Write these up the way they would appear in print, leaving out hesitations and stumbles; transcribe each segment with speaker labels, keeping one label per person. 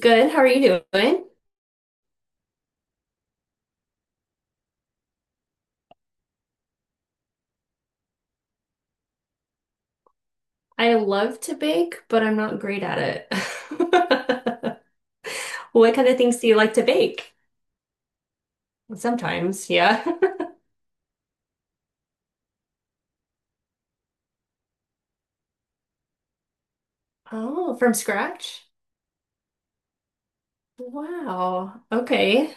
Speaker 1: Good. How are you doing? I love to bake, but I'm not great at it. What kind of things do you like to bake? Sometimes, yeah. Oh, from scratch? Wow. Okay.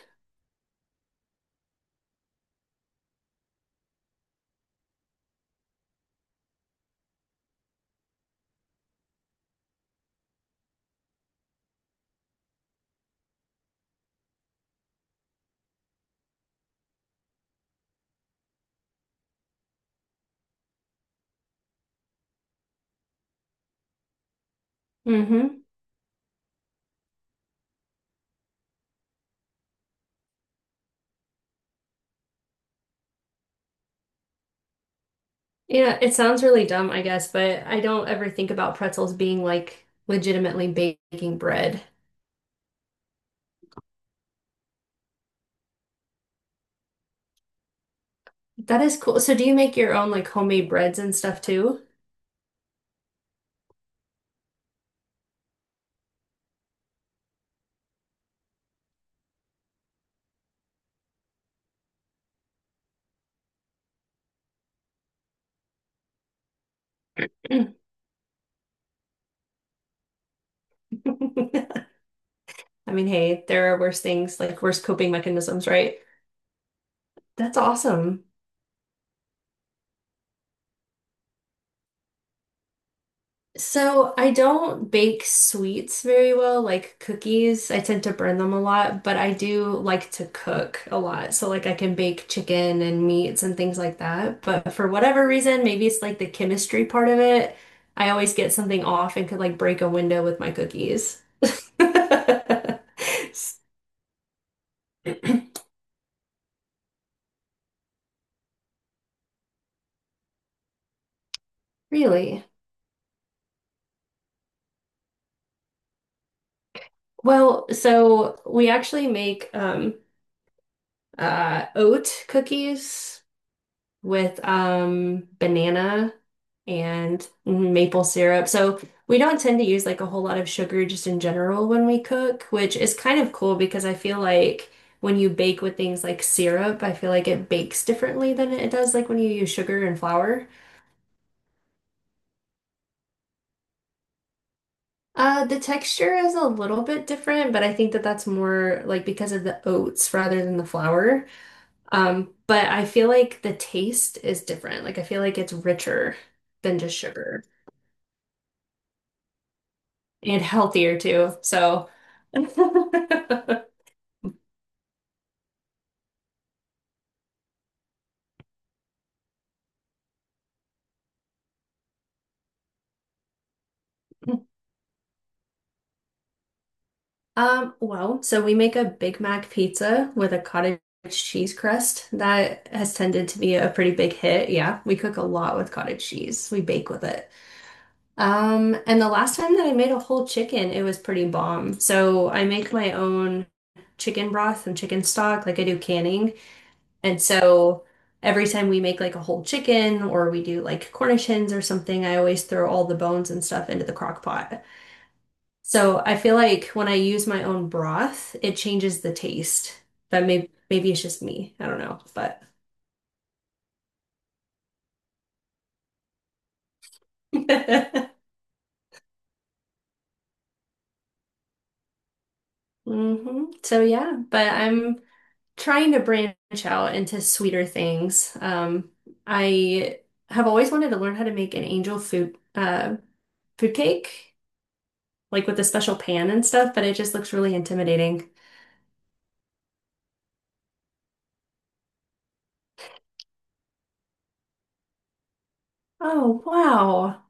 Speaker 1: Mm-hmm. Yeah, it sounds really dumb, I guess, but I don't ever think about pretzels being like legitimately baking bread. That is cool. So do you make your own like homemade breads and stuff too? I mean, hey, there are worse things, like worse coping mechanisms, right? That's awesome. So I don't bake sweets very well, like cookies. I tend to burn them a lot, but I do like to cook a lot. So like I can bake chicken and meats and things like that. But for whatever reason, maybe it's like the chemistry part of it. I always get something off and could like break a window with my cookies. Really? Well, so we actually make oat cookies with banana and maple syrup. So we don't tend to use like a whole lot of sugar just in general when we cook, which is kind of cool because I feel like when you bake with things like syrup, I feel like it bakes differently than it does like when you use sugar and flour. The texture is a little bit different, but I think that that's more like because of the oats rather than the flour. But I feel like the taste is different. Like I feel like it's richer than just sugar. And healthier too. So, well, so we make a Big Mac pizza with a cottage cheese crust that has tended to be a pretty big hit. Yeah, we cook a lot with cottage cheese. We bake with it. And the last time that I made a whole chicken, it was pretty bomb. So I make my own chicken broth and chicken stock, like I do canning. And so every time we make like a whole chicken or we do like Cornish hens or something, I always throw all the bones and stuff into the crock pot. So I feel like when I use my own broth, it changes the taste. But maybe it's just me. I don't know. But hmm. So yeah, but I'm trying to branch out into sweeter things. I have always wanted to learn how to make an angel food cake, like with a special pan and stuff, but it just looks really intimidating. Oh, wow.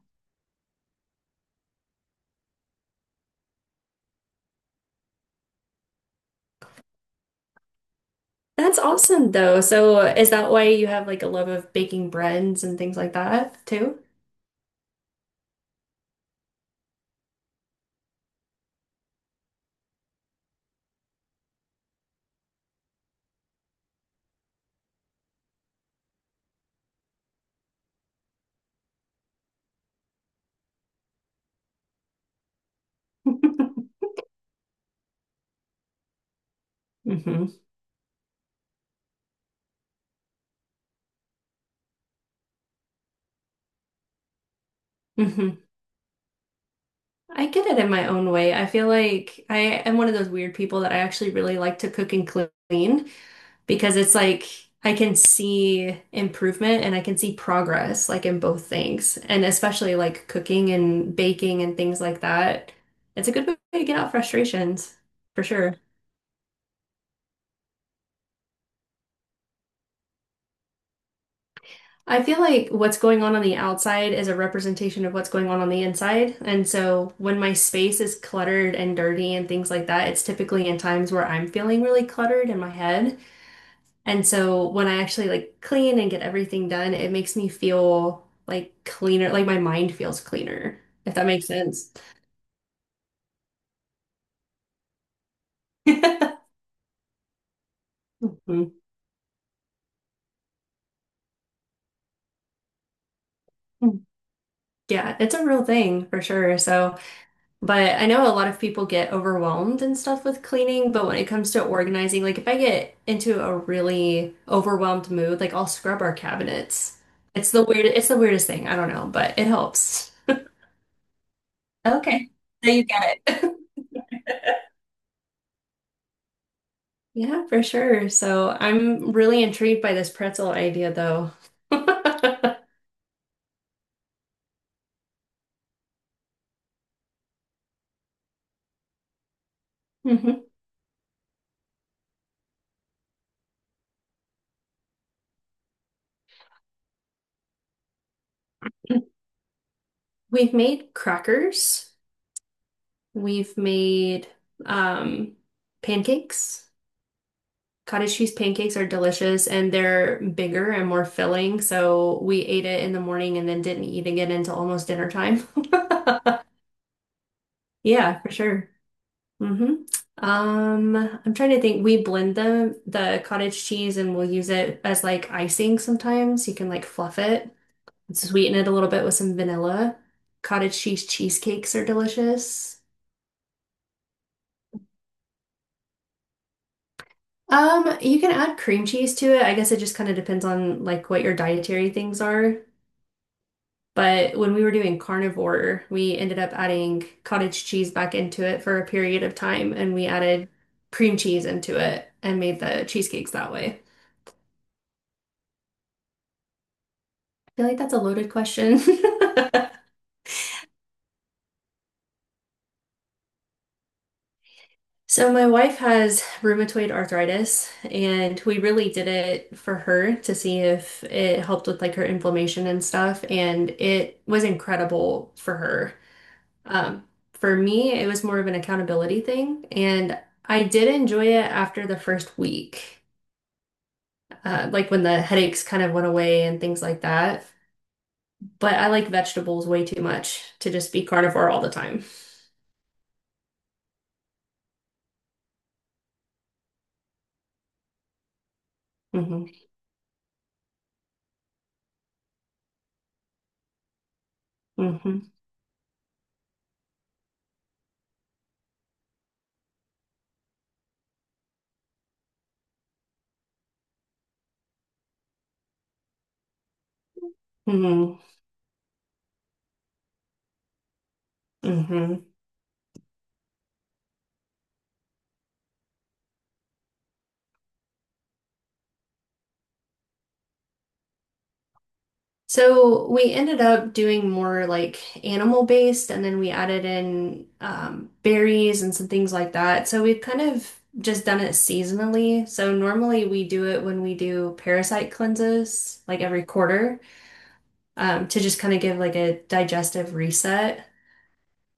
Speaker 1: That's awesome though. So is that why you have like a love of baking breads and things like that too? hmm hmm. I get it in my own way. I feel like I am one of those weird people that I actually really like to cook and clean because it's like I can see improvement and I can see progress like in both things. And especially like cooking and baking and things like that. It's a good way to get out frustrations for sure. I feel like what's going on the outside is a representation of what's going on the inside. And so when my space is cluttered and dirty and things like that, it's typically in times where I'm feeling really cluttered in my head. And so when I actually like clean and get everything done, it makes me feel like cleaner, like my mind feels cleaner, if that makes sense. Mhm. Yeah, it's a real thing for sure. So but I know a lot of people get overwhelmed and stuff with cleaning, but when it comes to organizing, like if I get into a really overwhelmed mood, like I'll scrub our cabinets. It's the weirdest thing. I don't know, but it helps. Okay, so you get it. Yeah, for sure. So I'm really intrigued by this pretzel idea though. Mhm. We've made crackers. We've made um pancakes. Cottage cheese pancakes are delicious and they're bigger and more filling, so we ate it in the morning and then didn't eat again until almost dinner time. Yeah, for sure. Hmm. I'm trying to think. We blend them, the cottage cheese, and we'll use it as like icing sometimes. You can like fluff it and sweeten it a little bit with some vanilla. Cottage cheese cheesecakes are delicious. You can add cream cheese to it. I guess it just kind of depends on like what your dietary things are. But when we were doing carnivore, we ended up adding cottage cheese back into it for a period of time, and we added cream cheese into it and made the cheesecakes that way. I feel like that's a loaded question. So my wife has rheumatoid arthritis, and we really did it for her to see if it helped with like her inflammation and stuff, and it was incredible for her. Um, for me, it was more of an accountability thing, and I did enjoy it after the first week, like when the headaches kind of went away and things like that. But I like vegetables way too much to just be carnivore all the time. Hmm. Hmm. Hmm. Hmm. So we ended up doing more like animal based, and then we added in berries and some things like that. So we've kind of just done it seasonally. So normally we do it when we do parasite cleanses, like every quarter, to just kind of give like a digestive reset.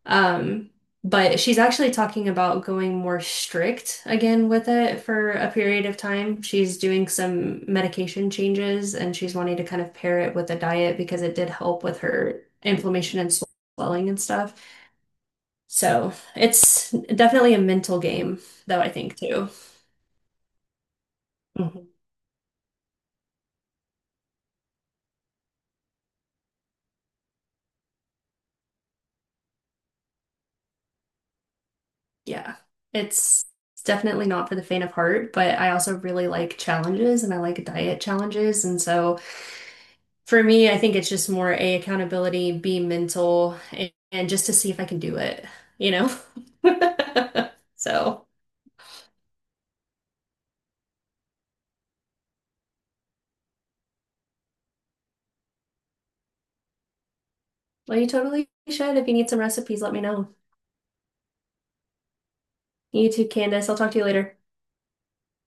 Speaker 1: Um, but she's actually talking about going more strict again with it for a period of time. She's doing some medication changes and she's wanting to kind of pair it with a diet because it did help with her inflammation and swelling and stuff. So it's definitely a mental game, though, I think too. Mhm. Yeah. It's it's definitely not for the faint of heart, but I also really like challenges and I like diet challenges. And so for me, I think it's just more A, accountability, B, mental, and just to see if I can do it, you know? So, well, you totally should. If you need some recipes, let me know. You too, Candace. I'll talk to you later.